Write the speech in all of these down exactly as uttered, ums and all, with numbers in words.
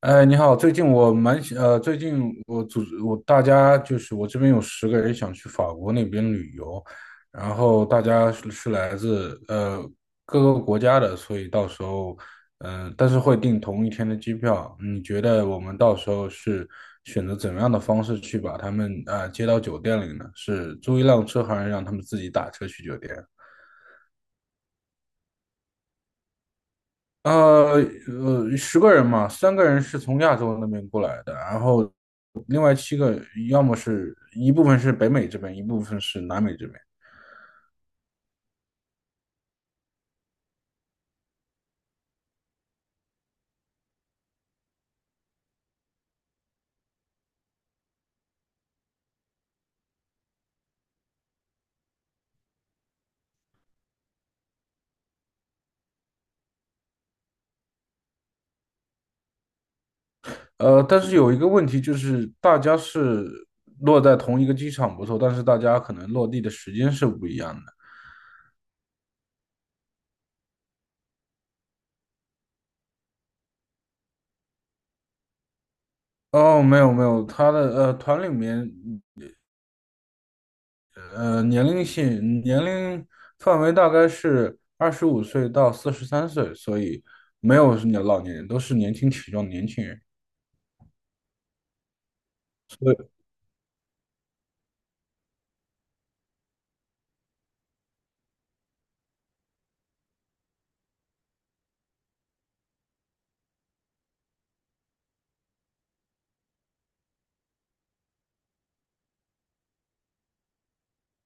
哎，你好，最近我蛮喜呃，最近我组织我大家，就是我这边有十个人想去法国那边旅游，然后大家是是来自呃各个国家的，所以到时候嗯、呃但是会订同一天的机票。你觉得我们到时候是选择怎么样的方式去把他们啊、呃接到酒店里呢？是租一辆车，还是让他们自己打车去酒店？呃呃，十个人嘛，三个人是从亚洲那边过来的，然后另外七个要么是一部分是北美这边，一部分是南美这边。呃，但是有一个问题就是，大家是落在同一个机场不错，但是大家可能落地的时间是不一样的。哦，没有没有，他的呃团里面呃年龄性年龄范围大概是二十五岁到四十三岁，所以没有是老年人，都是年轻体壮的年轻人。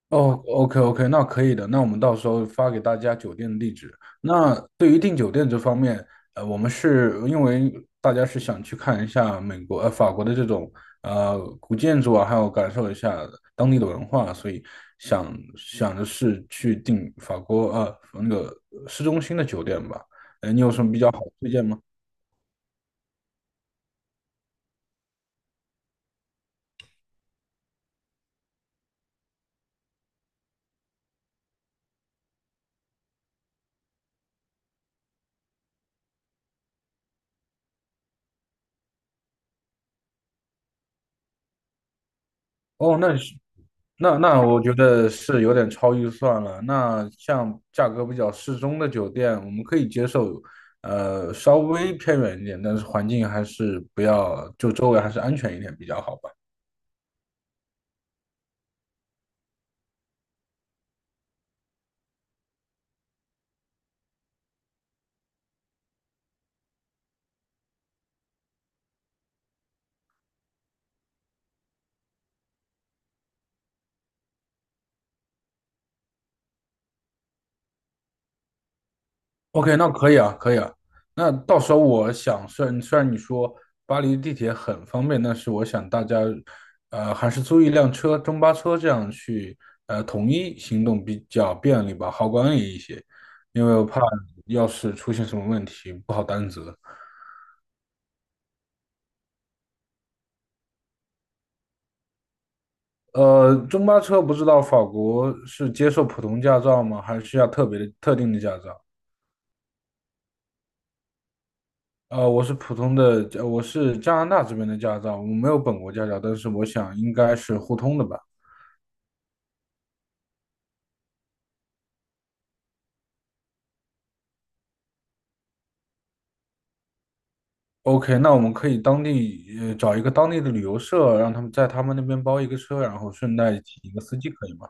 哦，OK OK，那可以的。那我们到时候发给大家酒店的地址。那对于订酒店这方面，呃，我们是因为大家是想去看一下美国、呃法国的这种呃古建筑啊，还有感受一下当地的文化，所以想想的是去订法国呃那个市中心的酒店吧。呃，你有什么比较好的推荐吗？哦，那是那那我觉得是有点超预算了。那像价格比较适中的酒店，我们可以接受，呃，稍微偏远一点，但是环境还是不要，就周围还是安全一点比较好吧。OK，那可以啊，可以啊。那到时候我想，虽然虽然你说巴黎地铁很方便，但是我想大家，呃，还是租一辆车，中巴车这样去，呃，统一行动比较便利吧，好管理一些，因为我怕要是出现什么问题不好担责。呃，中巴车不知道法国是接受普通驾照吗？还是需要特别的特定的驾照？呃，我是普通的，呃我是加拿大这边的驾照，我没有本国驾照，但是我想应该是互通的吧。OK，那我们可以当地呃找一个当地的旅游社，让他们在他们那边包一个车，然后顺带请一个司机，可以吗？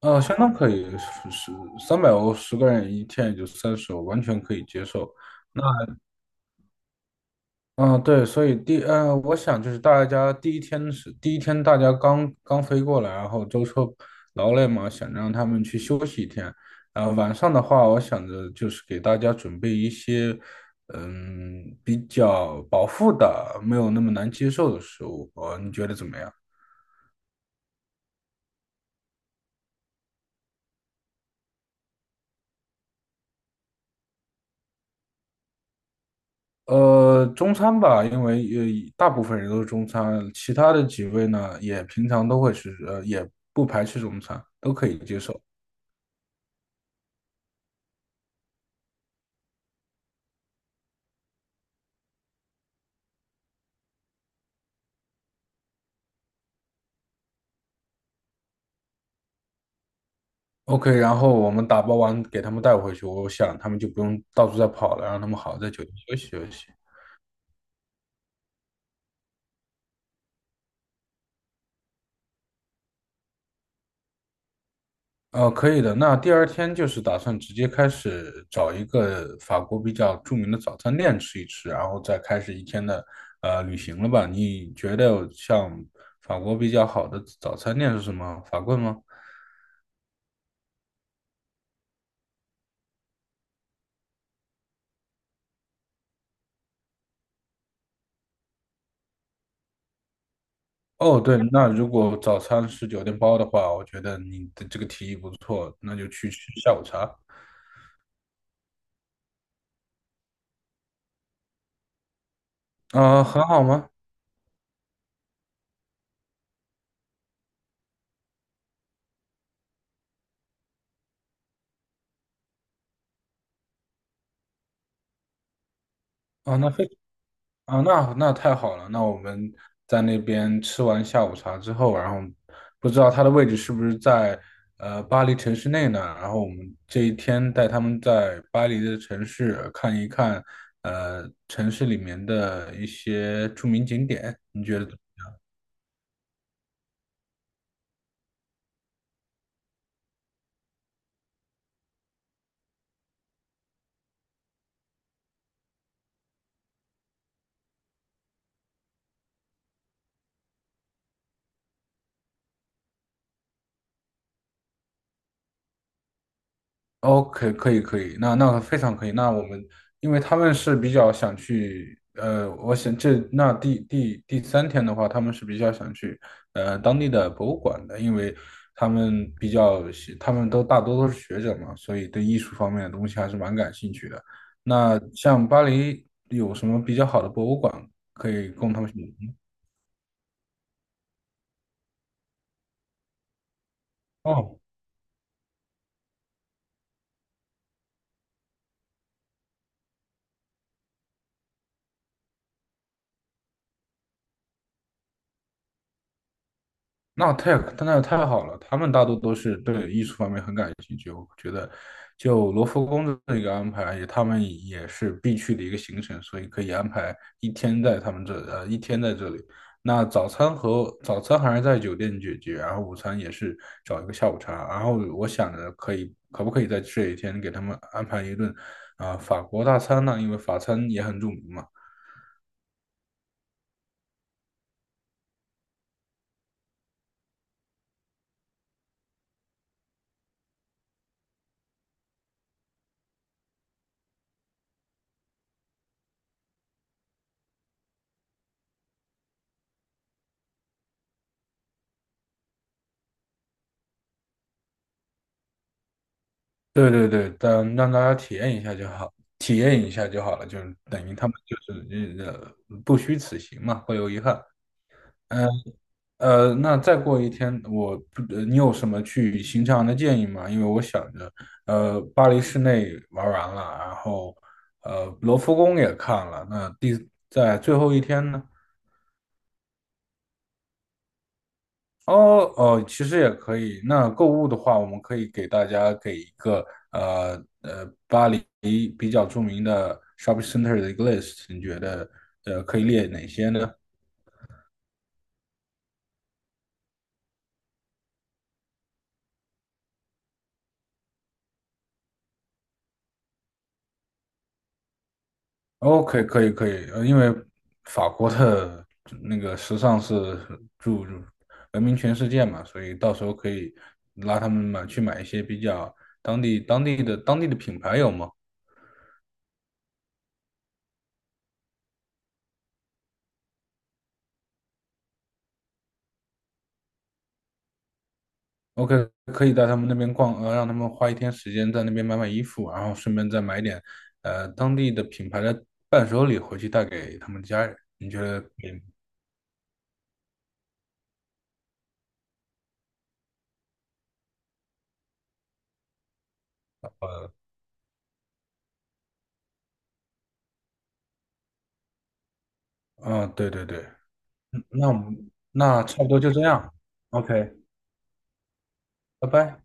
呃，相当可以，是三百欧，十个人一天也就三十欧，完全可以接受。那嗯，对，所以第呃，我想就是大家第一天是第一天，大家刚刚飞过来，然后舟车劳累嘛，想让他们去休息一天。然后晚上的话，我想着就是给大家准备一些，嗯，比较饱腹的，没有那么难接受的食物。呃，你觉得怎么样？呃，中餐吧，因为呃大部分人都是中餐，其他的几位呢也平常都会吃，呃，也不排斥中餐，都可以接受。OK，然后我们打包完给他们带回去，我想他们就不用到处再跑了，让他们好好在酒店休息休息。呃，可以的。那第二天就是打算直接开始找一个法国比较著名的早餐店吃一吃，然后再开始一天的呃旅行了吧？你觉得像法国比较好的早餐店是什么？法棍吗？哦，对，那如果早餐是酒店包的话，我觉得你的这个提议不错，那就去吃下午茶。啊、很好吗？啊，那非啊，那那太好了。那我们在那边吃完下午茶之后，然后不知道它的位置是不是在呃巴黎城市内呢？然后我们这一天带他们在巴黎的城市看一看，呃，城市里面的一些著名景点。你觉得？OK，可以可以，那那非常可以。那我们，因为他们是比较想去，呃，我想这那第第第三天的话，他们是比较想去，呃，当地的博物馆的，因为他们比较喜，他们都大多都是学者嘛，所以对艺术方面的东西还是蛮感兴趣的。那像巴黎有什么比较好的博物馆可以供他们选择吗？哦，那太那太好了，他们大多都是对艺术方面很感兴趣。我觉得，就罗浮宫的这个安排，也他们也是必去的一个行程，所以可以安排一天在他们这，呃，一天在这里。那早餐和早餐还是在酒店解决，然后午餐也是找一个下午茶。然后我想着可以，可不可以在这一天给他们安排一顿啊、法国大餐呢？因为法餐也很著名嘛。对对对，但让大家体验一下就好，体验一下就好了，就是等于他们就是呃不虚此行嘛，会有遗憾。嗯呃，呃那再过一天，我不，呃你有什么去行程上的建议吗？因为我想着，呃，巴黎市内玩完了，然后呃，罗浮宫也看了，那第在最后一天呢？哦哦，其实也可以。那购物的话，我们可以给大家给一个呃呃巴黎比较著名的 shopping center 的一个 list，你觉得呃可以列哪些呢？OK，可以可以，呃，因为法国的那个时尚是著闻名全世界嘛，所以到时候可以拉他们买去买一些比较当地当地的当地的品牌有吗？OK，可以带他们那边逛，呃，让他们花一天时间在那边买买衣服，然后顺便再买点，呃，当地的品牌的伴手礼回去带给他们家人。你觉得可以吗？嗯，对对对，那我们那差不多就这样。OK，拜拜。